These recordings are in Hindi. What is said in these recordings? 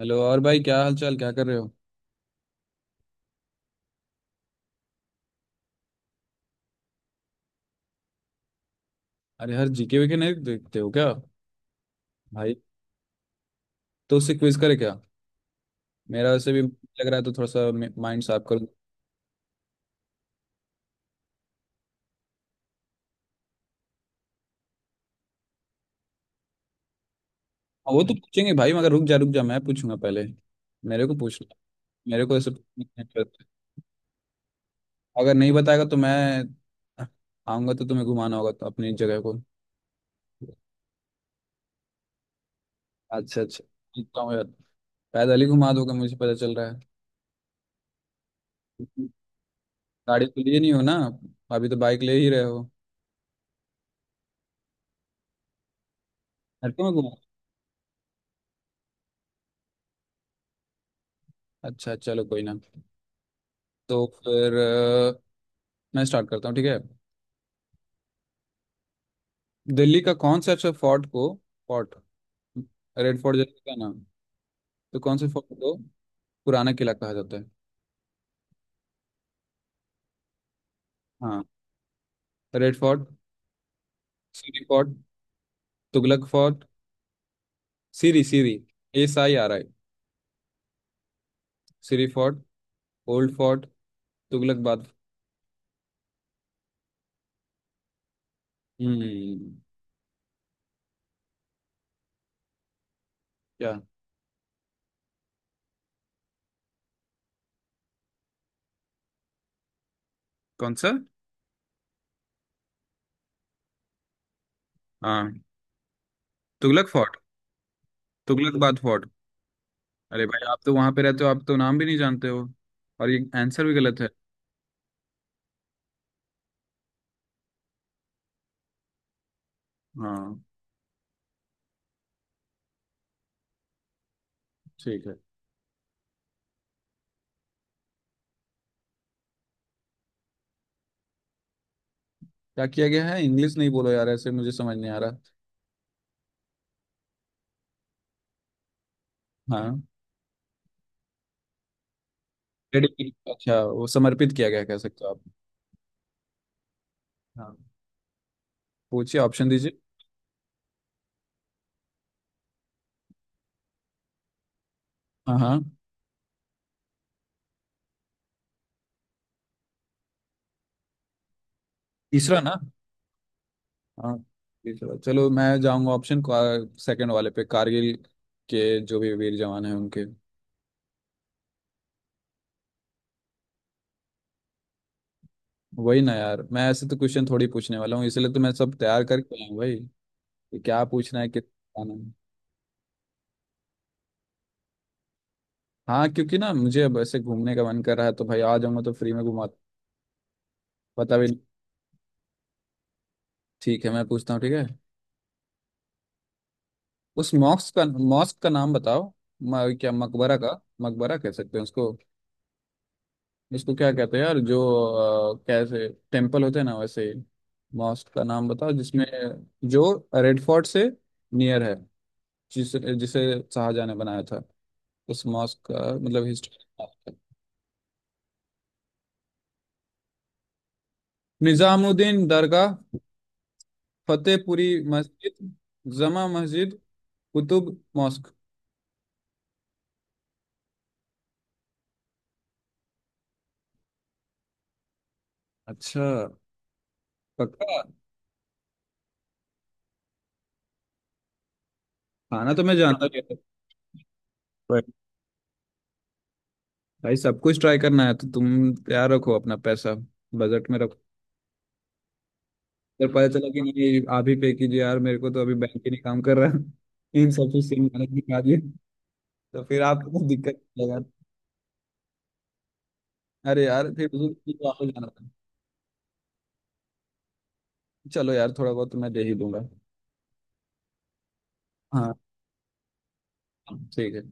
हेलो और भाई, क्या हाल चाल, क्या कर रहे हो? अरे हर जीके वीके नहीं देखते हो क्या, भाई? तो उससे क्विज करे क्या? मेरा वैसे भी लग रहा है तो थोड़ा सा माइंड साफ करूँ। हाँ, वो तो पूछेंगे भाई, मगर रुक जा रुक जा, मैं पूछूंगा पहले। मेरे को पूछना। मेरे को ऐसे पूछने की जरूरत है। अगर नहीं बताएगा तो मैं आऊंगा तो तुम्हें घुमाना होगा तो अपनी जगह को। अच्छा, अच्छा। जीतता हूँ यार, पैदल ही घुमा दोगे, मुझे पता चल रहा है। गाड़ी तो लिए नहीं हो ना, अभी तो बाइक ले ही रहे हो। हटके में घुमा। अच्छा, चलो कोई ना। तो फिर मैं स्टार्ट करता हूँ, ठीक है? दिल्ली का कौन सा अच्छा फोर्ट को, फोर्ट, रेड फोर्ट जैसे का नाम। तो कौन से फोर्ट को पुराना किला कहा जाता है? हाँ। Red fort, Siri fort, Tughlaq fort. Siri, Siri, S I R I। Siri fort, old fort, Tughlaq बाद। हम्म। क्या? कौन सा? हाँ, तुगलक फोर्ट। तुगलक बाद फोर्ट। अरे भाई, आप तो वहां पे रहते हो, आप तो नाम भी नहीं जानते हो, और ये आंसर भी गलत है। हाँ। ठीक है। क्या किया गया है? इंग्लिश नहीं बोलो यार, ऐसे मुझे समझ नहीं आ रहा। हाँ। डेडिकेट, अच्छा, वो समर्पित किया गया कह सकते हो आप। हाँ। पूछिए, ऑप्शन दीजिए। हाँ, हाँ। तीसरा ना। हाँ, तीसरा। चलो मैं जाऊंगा ऑप्शन सेकंड वाले पे, कारगिल के जो भी वीर जवान हैं उनके। वही ना यार, मैं ऐसे तो क्वेश्चन थोड़ी पूछने वाला हूँ, इसलिए तो मैं सब तैयार करके आया हूँ भाई कि क्या पूछना है, कितना आना है। हाँ, क्योंकि ना मुझे अब ऐसे घूमने का मन कर रहा है, तो भाई आ जाऊंगा तो फ्री में घुमा। पता भी। ठीक है, मैं पूछता हूँ, ठीक है? उस मॉस्क का नाम बताओ। क्या मकबरा का मकबरा कह सकते हैं उसको? इसको क्या कहते हैं यार, जो कैसे टेम्पल होते हैं ना वैसे ही। मॉस्क का नाम बताओ जिसमें, जो रेड फोर्ट से नियर है, जिस जिसे शाहजहाँ ने बनाया था, उस मॉस्क का, मतलब हिस्ट्री। निजामुद्दीन दरगाह, फतेहपुरी मस्जिद, जमा मस्जिद, कुतुब मॉस्क। अच्छा। पक्का? खाना तो मैं जानता नहीं था, पर भाई, सब कुछ ट्राई करना है तो तुम तैयार रखो अपना पैसा, बजट में रखो। फिर पता चला कि नहीं, आप ही पे कीजिए यार, मेरे को तो अभी बैंक ही नहीं काम कर रहा। इन सब चीज सेम मैनेज दिखा दिए, तो फिर आपको तो दिक्कत लगा। अरे यार, फिर बुजुर्ग वापस जाना था। चलो यार, थोड़ा बहुत तो मैं दे ही दूंगा। हाँ। ठीक है।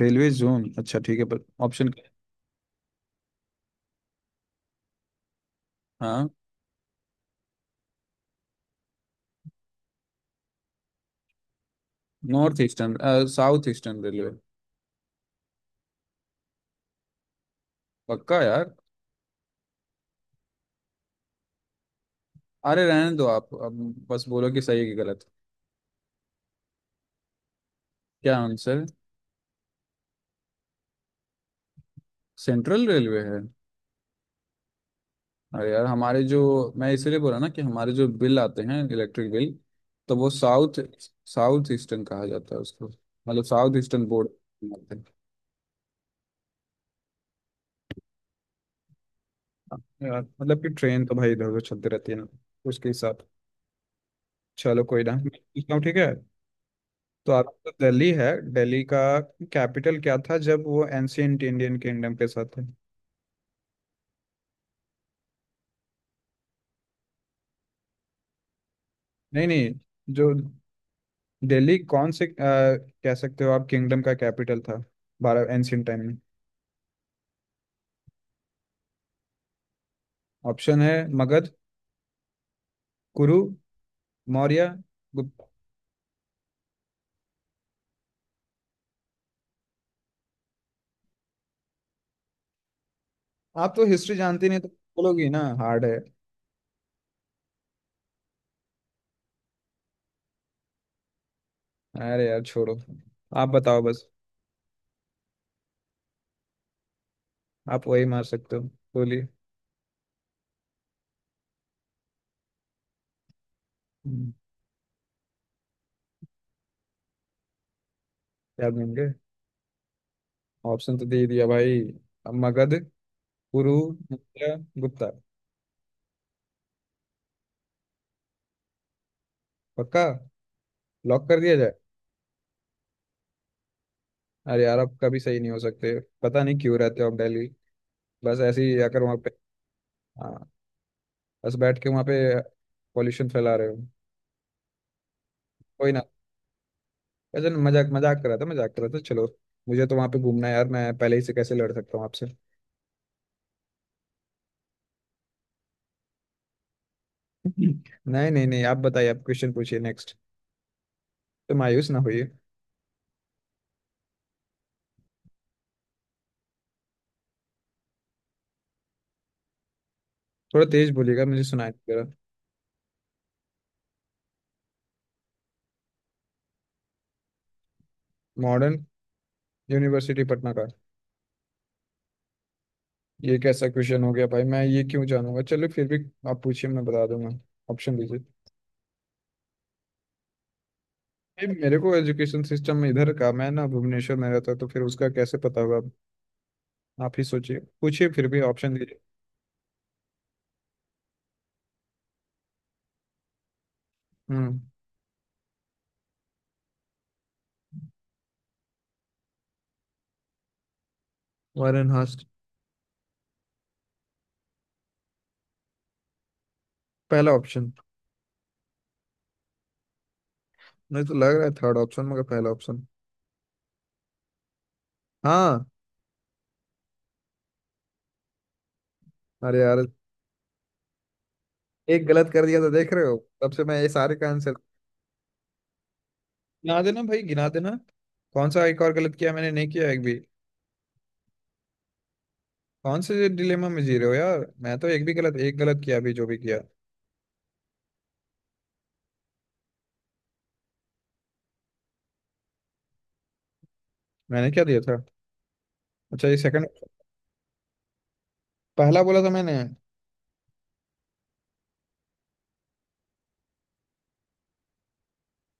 रेलवे जोन, अच्छा ठीक है, पर ऑप्शन क्या है? हाँ। North eastern, south eastern railway. पक्का यार। अरे रहने दो आप अब, बस बोलो कि सही है कि गलत। क्या आंसर? सेंट्रल रेलवे है। अरे यार, हमारे जो, मैं इसलिए बोला ना कि हमारे जो बिल आते हैं, इलेक्ट्रिक बिल, तो वो साउथ साउथ ईस्टर्न कहा जाता है उसको, मतलब साउथ ईस्टर्न बोर्ड आते हैं यार, मतलब कि ट्रेन तो भाई इधर उधर चलती रहती है ना उसके हिसाब से। चलो कोई ना, मैं पूछता हूँ, ठीक है? तो आपका तो दिल्ली है, दिल्ली का कैपिटल क्या था जब वो एंशियंट इंडियन किंगडम के साथ थे? नहीं, नहीं, जो दिल्ली कौन से कह सकते हो आप किंगडम का कैपिटल था, भारत एंशियंट टाइम में? ऑप्शन है मगध, कुरु, मौर्य, गुप्त। आप तो हिस्ट्री जानते नहीं तो बोलोगी ना हार्ड है। अरे यार छोड़ो, आप बताओ बस। आप वही मार सकते हो, बोलिए। हम्म, याद नहीं गए? ऑप्शन तो दे दिया भाई। अब मगध, पुरु, मौर्य, गुप्ता। पक्का? लॉक कर दिया जाए? अरे यार, आप कभी सही नहीं हो सकते, पता नहीं क्यों रहते हो आप दिल्ली, बस ऐसे ही आकर वहाँ पे। हाँ। बस बैठ के वहाँ पे पॉल्यूशन फैला रहे हो। कोई ना। अच्छा, मजाक मजाक कर रहा था, मजाक कर रहा था, चलो। मुझे तो वहाँ पे घूमना है यार, मैं पहले ही से कैसे लड़ सकता हूँ आपसे। नहीं, नहीं, नहीं, आप बताइए, आप क्वेश्चन पूछिए नेक्स्ट, तो मायूस ना होइए। थोड़ा तेज बोलिएगा, मुझे सुनाई नहीं दे रहा। मॉडर्न यूनिवर्सिटी पटना का? ये कैसा क्वेश्चन हो गया भाई, मैं ये क्यों जानूंगा? चलो फिर भी आप पूछिए, मैं बता दूंगा, ऑप्शन दीजिए। ये मेरे को एजुकेशन सिस्टम इधर का, मैं ना भुवनेश्वर में रहता हूँ, तो फिर उसका कैसे पता होगा आप? आप ही सोचिए, पूछिए फिर भी, ऑप्शन दीजिए। हम्म। वारेन हास्ट। पहला ऑप्शन। नहीं, तो लग रहा है थर्ड ऑप्शन, मगर पहला ऑप्शन। हाँ। अरे यार, एक गलत कर दिया तो देख रहे हो, तब से मैं ये सारे का आंसर। गिना देना भाई, गिना देना। कौन सा एक और गलत किया मैंने? नहीं किया एक भी। कौन से डिलेमा में जी रहे हो यार, मैं तो एक भी गलत, एक गलत किया अभी, जो भी किया। मैंने क्या दिया था? अच्छा, ये सेकंड? पहला बोला था मैंने।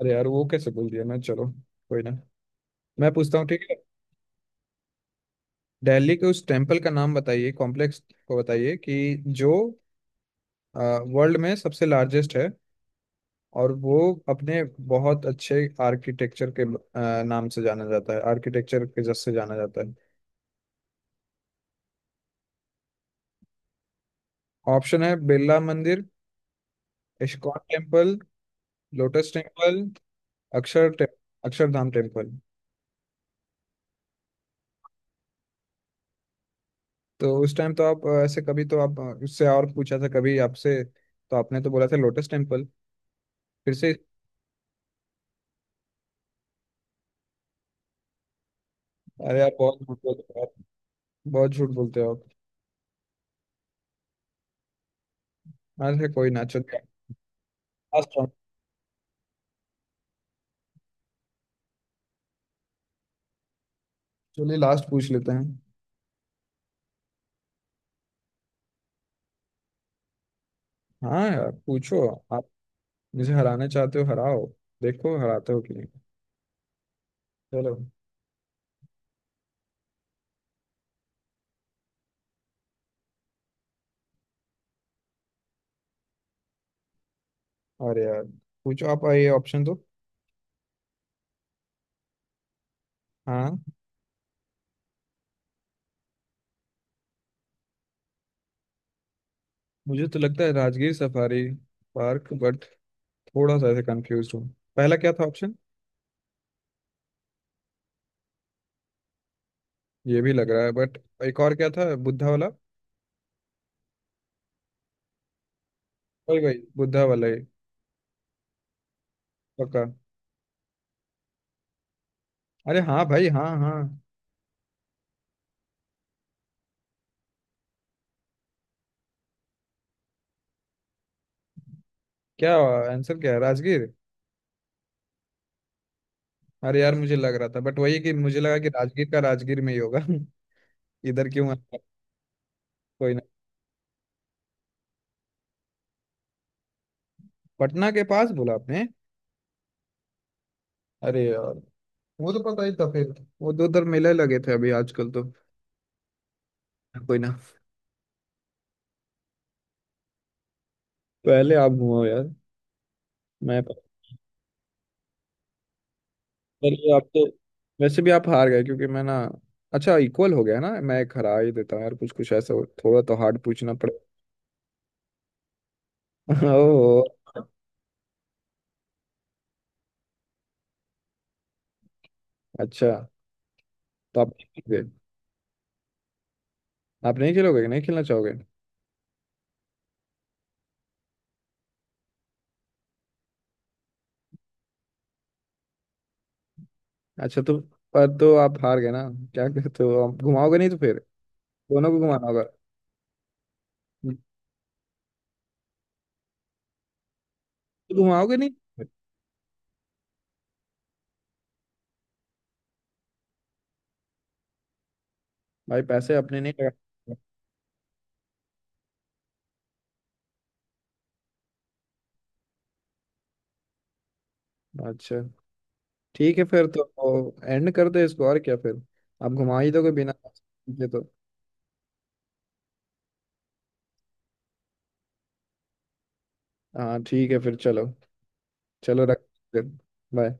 अरे यार, वो कैसे बोल दिया मैं? चलो कोई ना, मैं पूछता हूँ, ठीक है? दिल्ली के उस टेम्पल का नाम बताइए, कॉम्प्लेक्स को बताइए कि जो वर्ल्ड में सबसे लार्जेस्ट है, और वो अपने बहुत अच्छे आर्किटेक्चर के नाम से जाना जाता है, आर्किटेक्चर के जस से जाना जाता है। ऑप्शन है बिरला मंदिर, ISKCON temple, lotus temple, Akshar टे, अक्षरधाम टेम्पल। तो उस टाइम तो आप ऐसे कभी, तो आप उससे और पूछा था कभी, आपसे तो आपने तो बोला था लोटस टेम्पल, फिर से। अरे आप बहुत झूठ बोलते हो आप, बहुत झूठ बोलते हो आप। अरे कोई ना, चलिए लास्ट राउंड। चलिए लास्ट पूछ लेते हैं। हाँ यार, पूछो। आप मुझे हराना चाहते हो? हराओ, देखो हराते हो कि नहीं। चलो। अरे यार, पूछो आप ये, ऑप्शन दो। हाँ। मुझे तो लगता है राजगीर सफारी पार्क। थोड़ा सा ऐसे कंफ्यूज हूँ, पहला क्या था ऑप्शन? ये भी लग रहा है बट, एक और क्या था? बुद्धा वाला। वही, वही बुद्धा वाला ही। पक्का। अरे हाँ भाई, हाँ, हाँ। क्या? आंसर क्या है? राजगीर? अरे यार, मुझे लग रहा था बट, वही कि मुझे लगा कि राजगीर का राजगीर में ही होगा। इधर क्यों आया? कोई ना। पटना के पास बोला आपने। अरे यार, वो तो पता ही था फिर। वो दो उधर मेले लगे थे अभी आजकल तो। कोई ना। पहले आप घुमाओ यार, मैं। पर ये आप तो, वैसे भी आप हार गए क्योंकि मैं ना। अच्छा, इक्वल हो गया ना, मैं एक हरा ही देता हूँ यार, कुछ कुछ ऐसा थोड़ा तो हार्ड पूछना पड़े। ओह। अच्छा, तो आप नहीं खेलोगे? आप नहीं खेलोगे, नहीं खेलना चाहोगे? अच्छा। तो पर तो आप हार गए ना, क्या कहते हो? आप घुमाओगे नहीं तो फिर दोनों को घुमाना होगा। हम्म। तो घुमाओगे नहीं? भाई पैसे अपने नहीं लगा। अच्छा ठीक है, फिर तो एंड कर दे इसको, और क्या फिर। आप घुमा ही दोगे बिना पैसे के तो। हाँ ठीक है, फिर चलो। चलो रख फिर, बाय।